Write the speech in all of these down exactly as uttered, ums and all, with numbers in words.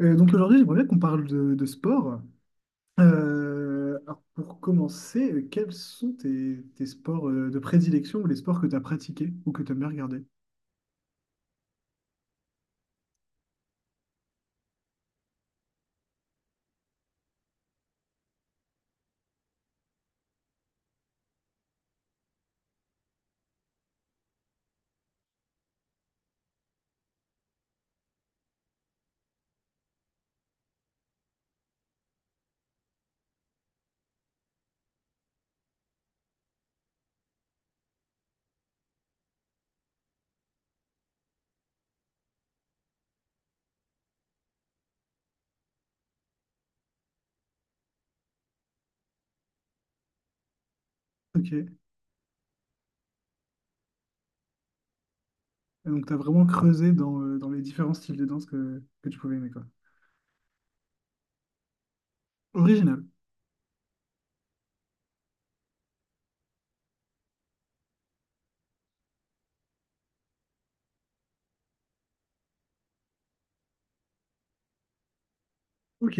Euh, donc aujourd'hui, j'aimerais bien qu'on parle de, de sport. Euh, alors pour commencer, euh, quels sont tes, tes sports euh, de prédilection ou les sports que tu as pratiqués ou que tu aimes bien regarder? Ok. Et donc tu as vraiment creusé dans, euh, dans les différents styles de danse que, que tu pouvais aimer, quoi. Original. Ok.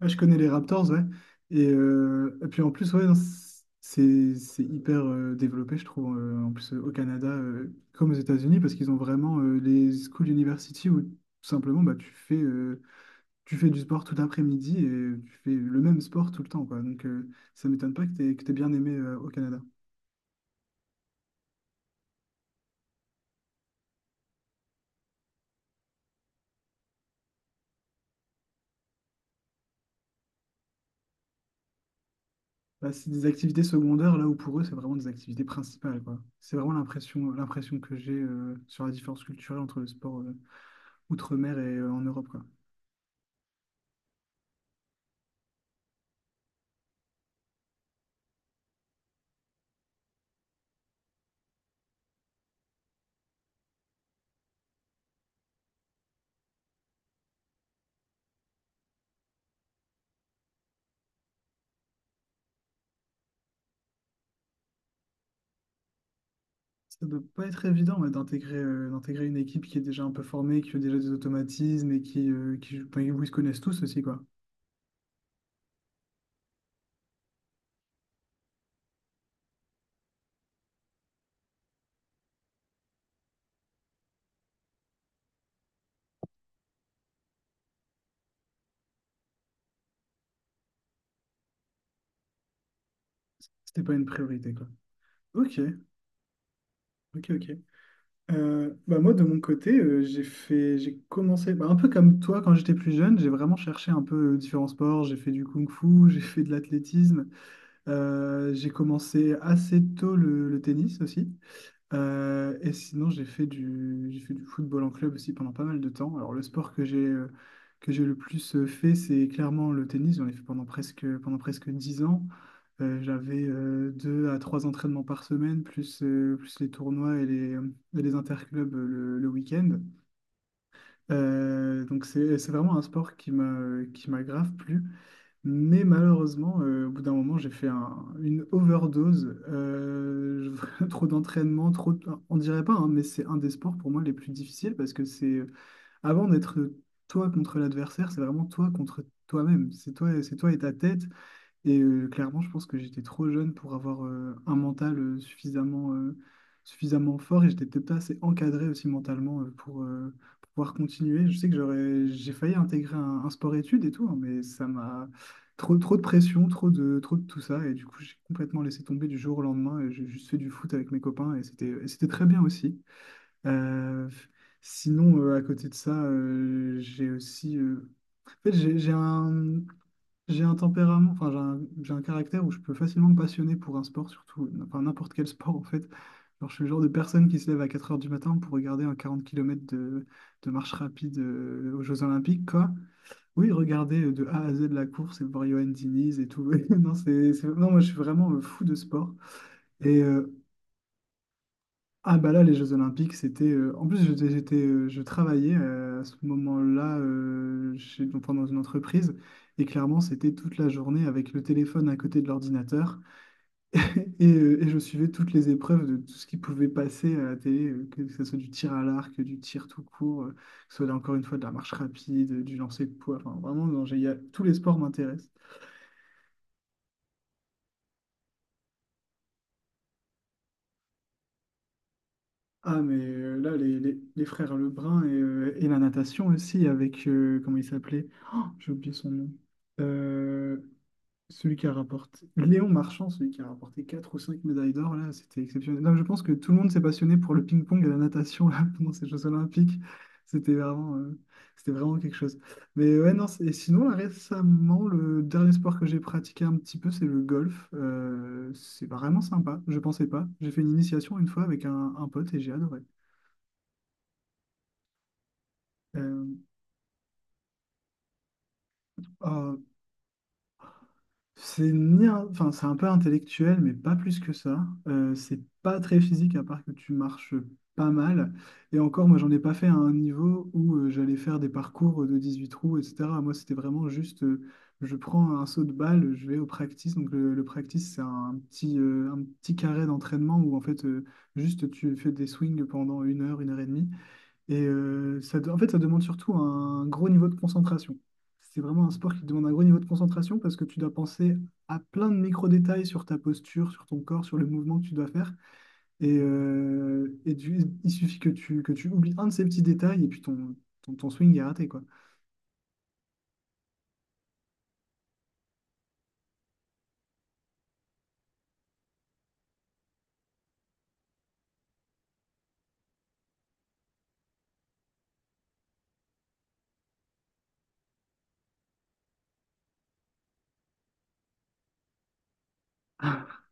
Ah, je connais les Raptors, ouais. Et, euh, et puis en plus, ouais, non, c'est c'est hyper euh, développé, je trouve, euh, en plus euh, au Canada, euh, comme aux États-Unis, parce qu'ils ont vraiment euh, les school university où tout simplement bah, tu fais. euh, tu fais du sport tout l'après-midi et tu fais le même sport tout le temps, quoi. Donc, euh, ça m'étonne pas que t'aies, que t'aies bien aimé euh, au Canada. Bah, c'est des activités secondaires, là où pour eux, c'est vraiment des activités principales, quoi. C'est vraiment l'impression, l'impression que j'ai euh, sur la différence culturelle entre le sport euh, outre-mer et euh, en Europe, quoi. Ça doit pas être évident, ouais, d'intégrer euh, d'intégrer une équipe qui est déjà un peu formée, qui a déjà des automatismes et qui, euh, qui, enfin, où ils se connaissent tous aussi, quoi. C'était pas une priorité, quoi. Ok, ok, ok. Euh, bah moi, de mon côté, euh, j'ai fait, j'ai commencé bah, un peu comme toi quand j'étais plus jeune. J'ai vraiment cherché un peu euh, différents sports. J'ai fait du kung-fu, j'ai fait de l'athlétisme. Euh, j'ai commencé assez tôt le, le tennis aussi. Euh, et sinon, j'ai fait du, j'ai fait du football en club aussi pendant pas mal de temps. Alors, le sport que j'ai euh, que j'ai le plus euh, fait, c'est clairement le tennis. J'en ai fait pendant presque, pendant presque dix ans. Euh, j'avais euh, deux à trois entraînements par semaine, plus, euh, plus les tournois et les, et les interclubs euh, le, le week-end. Euh, donc, c'est, c'est vraiment un sport qui m'a, qui m'a grave plu. Mais malheureusement, euh, au bout d'un moment, j'ai fait un- une overdose. Euh, je- trop d'entraînement, trop. de- on dirait pas, hein, mais c'est un des sports pour moi les plus difficiles parce que c'est avant d'être toi contre l'adversaire, c'est vraiment toi contre toi-même. C'est toi, c'est toi et ta tête. Et euh, clairement, je pense que j'étais trop jeune pour avoir euh, un mental euh, suffisamment, euh, suffisamment fort et j'étais peut-être pas assez encadré aussi mentalement euh, pour, euh, pour pouvoir continuer. Je sais que j'aurais, j'ai failli intégrer un, un sport-études et tout, hein, mais ça m'a trop, trop de pression, trop de, trop de tout ça. Et du coup, j'ai complètement laissé tomber du jour au lendemain et j'ai juste fait du foot avec mes copains et c'était, et c'était très bien aussi. Euh, Sinon, euh, à côté de ça, euh, j'ai aussi. Euh, En fait, j'ai j'ai un. j'ai un tempérament, enfin j'ai un, j'ai un caractère où je peux facilement me passionner pour un sport, surtout, enfin n'importe quel sport en fait. Alors je suis le genre de personne qui se lève à quatre heures du matin pour regarder un quarante kilomètres de, de marche rapide euh, aux Jeux Olympiques, quoi. Oui, regarder euh, de A à Z la course et voir Johan Diniz et tout. Non, c'est, c'est- non, moi je suis vraiment euh, fou de sport. Et euh, ah bah là, les Jeux Olympiques, c'était... euh, en plus, j'étais, j'étais, euh, je travaillais euh, à ce moment-là, euh, chez- donc, pendant une entreprise et clairement, c'était toute la journée avec le téléphone à côté de l'ordinateur et, euh, et je suivais toutes les épreuves de tout ce qui pouvait passer à la télé, euh, que ce soit du tir à l'arc, du tir tout court, euh, que ce soit là, encore une fois de la marche rapide, du lancer de poids, enfin vraiment, non, j'ai- il y a- tous les sports m'intéressent. Ah, mais euh, là, les, les, les frères Lebrun et, euh, et la natation aussi, avec, euh, comment il s'appelait? Oh, j'ai oublié son nom. Euh, Celui qui a rapporté, Léon Marchand, celui qui a rapporté quatre ou cinq médailles d'or, là, c'était exceptionnel. Là, je pense que tout le monde s'est passionné pour le ping-pong et la natation, là, pendant ces Jeux Olympiques. C'était vraiment, euh, c'était vraiment quelque chose. Mais ouais, non, c'est- et sinon, là, récemment, le dernier sport que j'ai pratiqué un petit peu, c'est le golf. Euh, c'est vraiment sympa, je pensais pas. J'ai fait une initiation une fois avec un un pote et j'ai adoré. Euh, oh, c'est ni un- enfin, c'est un peu intellectuel, mais pas plus que ça. Euh, c'est pas très physique, à part que tu marches pas mal. Et encore, moi, j'en ai pas fait à un niveau où euh, j'allais faire des parcours de dix-huit trous, et cetera. Moi, c'était vraiment juste, euh, je prends un saut de balle, je vais au practice. Donc, le, le practice, c'est un petit, euh, un petit carré d'entraînement où, en fait, euh, juste tu fais des swings pendant une heure, une heure et demie. Et euh, ça, de- en fait, ça demande surtout un gros niveau de concentration. C'est vraiment un sport qui demande un gros niveau de concentration parce que tu dois penser à plein de micro-détails sur ta posture, sur ton corps, sur le mouvement que tu dois faire. Et, euh, et tu- il suffit que tu, que tu oublies un de ces petits détails et puis ton, ton, ton swing est raté, quoi.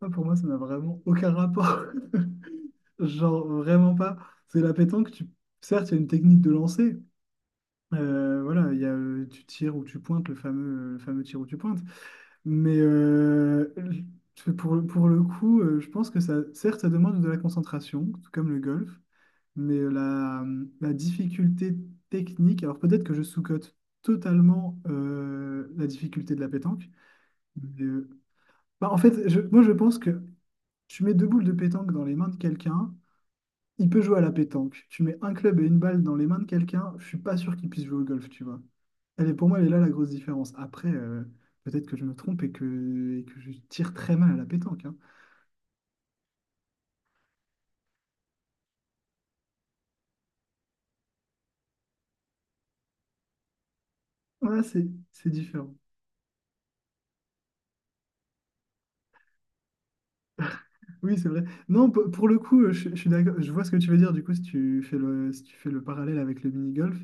Ah, pour moi, ça n'a vraiment aucun rapport. Genre, vraiment pas. C'est la pétanque, tu... certes, il y a une technique de lancer. Euh, voilà, il y a, euh, tu tires ou tu pointes, le fameux, le fameux tir ou tu pointes. Mais euh, l- pour, le- pour le coup, euh, je pense que ça, certes, ça demande de la concentration, tout comme le golf, mais euh, la, la difficulté technique, alors peut-être que je sous-cote totalement euh, la difficulté de la pétanque, mais, euh, bah, en fait, je- moi je pense que tu mets deux boules de pétanque dans les mains de quelqu'un, il peut jouer à la pétanque. Tu mets un club et une balle dans les mains de quelqu'un, je suis pas sûr qu'il puisse jouer au golf, tu vois. Elle est, pour moi, elle est là la grosse différence. Après, euh, peut-être que je me trompe et que, et que je tire très mal à la pétanque, hein. Ouais, c'est, c'est différent. Oui, c'est vrai. Non, pour pour le coup, euh, je, je suis d'accord. Je vois ce que tu veux dire. Du coup, si tu fais le, si tu fais le parallèle avec le mini-golf,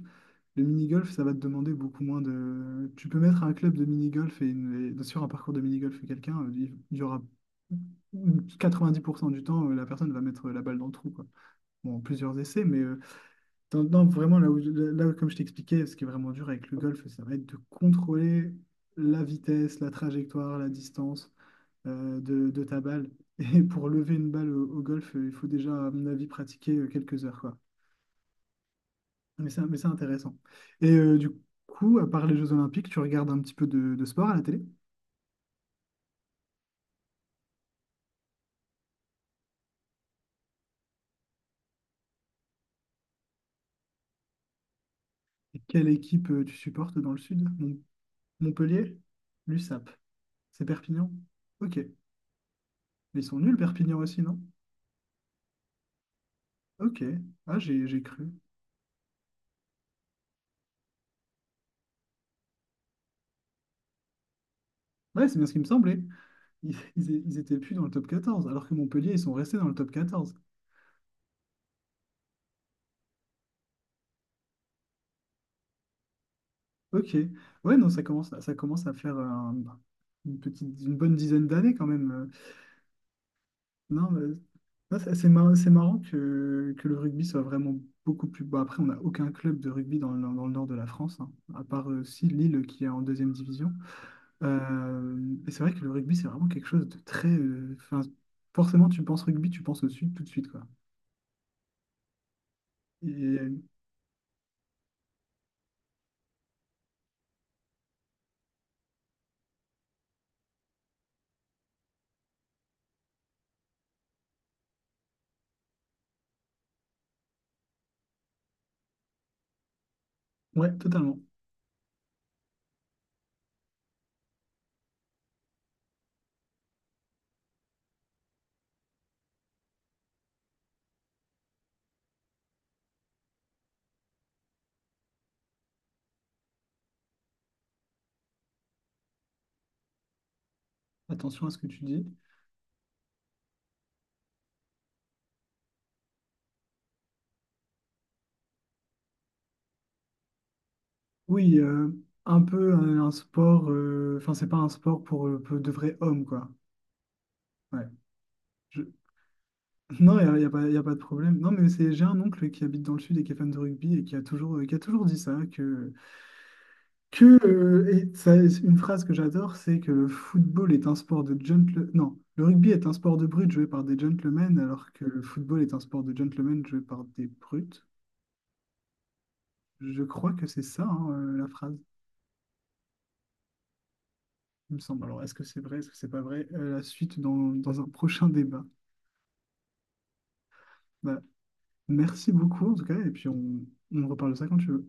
le mini-golf, ça va te demander beaucoup moins de. Tu peux mettre un club de mini-golf et, une- et sur un parcours de mini-golf quelqu'un, euh, il il y aura quatre-vingt-dix pour cent du temps, euh, la personne va mettre la balle dans le trou, quoi. Bon, en plusieurs essais, mais. euh, Non, non, vraiment, là, où, là, comme je t'expliquais, ce qui est vraiment dur avec le golf, ça va être de contrôler la vitesse, la trajectoire, la distance euh, de, de ta balle. Et pour lever une balle au, au golf, euh, il faut déjà, à mon avis, pratiquer euh, quelques heures, quoi. Mais c'est, mais c'est intéressant. Et euh, du coup, à part les Jeux Olympiques, tu regardes un petit peu de, de sport à la télé? Et quelle équipe euh, tu supportes dans le sud? Mon- Montpellier? L'USAP. C'est Perpignan? Ok. Mais ils sont nuls, Perpignan aussi, non? Ok. Ah, j'ai j'ai cru. Ouais, c'est bien ce qui me semblait. Ils, ils- ils étaient plus dans le top quatorze, alors que Montpellier, ils sont restés dans le top quatorze. Ok. Ouais, non, ça commence, à- ça commence à faire un- une petite, une bonne dizaine d'années quand même. Euh, Non, mais- non, c'est c'est marrant, c'est marrant que, que le rugby soit vraiment beaucoup plus... Bon, après, on n'a aucun club de rugby dans, le dans le nord de la France, hein, à part aussi Lille qui est en deuxième division. Euh, et c'est vrai que le rugby, c'est vraiment quelque chose de très... euh, enfin, forcément, tu penses rugby, tu penses au sud tout de suite, quoi. Et, ouais, totalement. Attention à ce que tu dis. Oui, euh, un peu un, un sport, euh, enfin, c'est pas un sport pour, euh, pour de vrais hommes, quoi. Ouais. Je- Non, il n'y a, y a pas, y a pas de problème. Non, mais c'est, j'ai un oncle qui habite dans le sud et qui est fan de rugby et qui a toujours, euh, qui a toujours dit ça, que, que euh, et ça, c'est une phrase que j'adore, c'est que le football est un sport de gentlemen. Non, le rugby est un sport de brutes joué par des gentlemen, alors que le football est un sport de gentlemen joué par des brutes. Je crois que c'est ça, hein, euh, la phrase, il me semble. Alors, est-ce que c'est vrai, est-ce que c'est pas vrai? Euh, la suite dans, dans un prochain débat. Bah, merci beaucoup en tout cas, et puis on, on reparle de ça quand tu veux.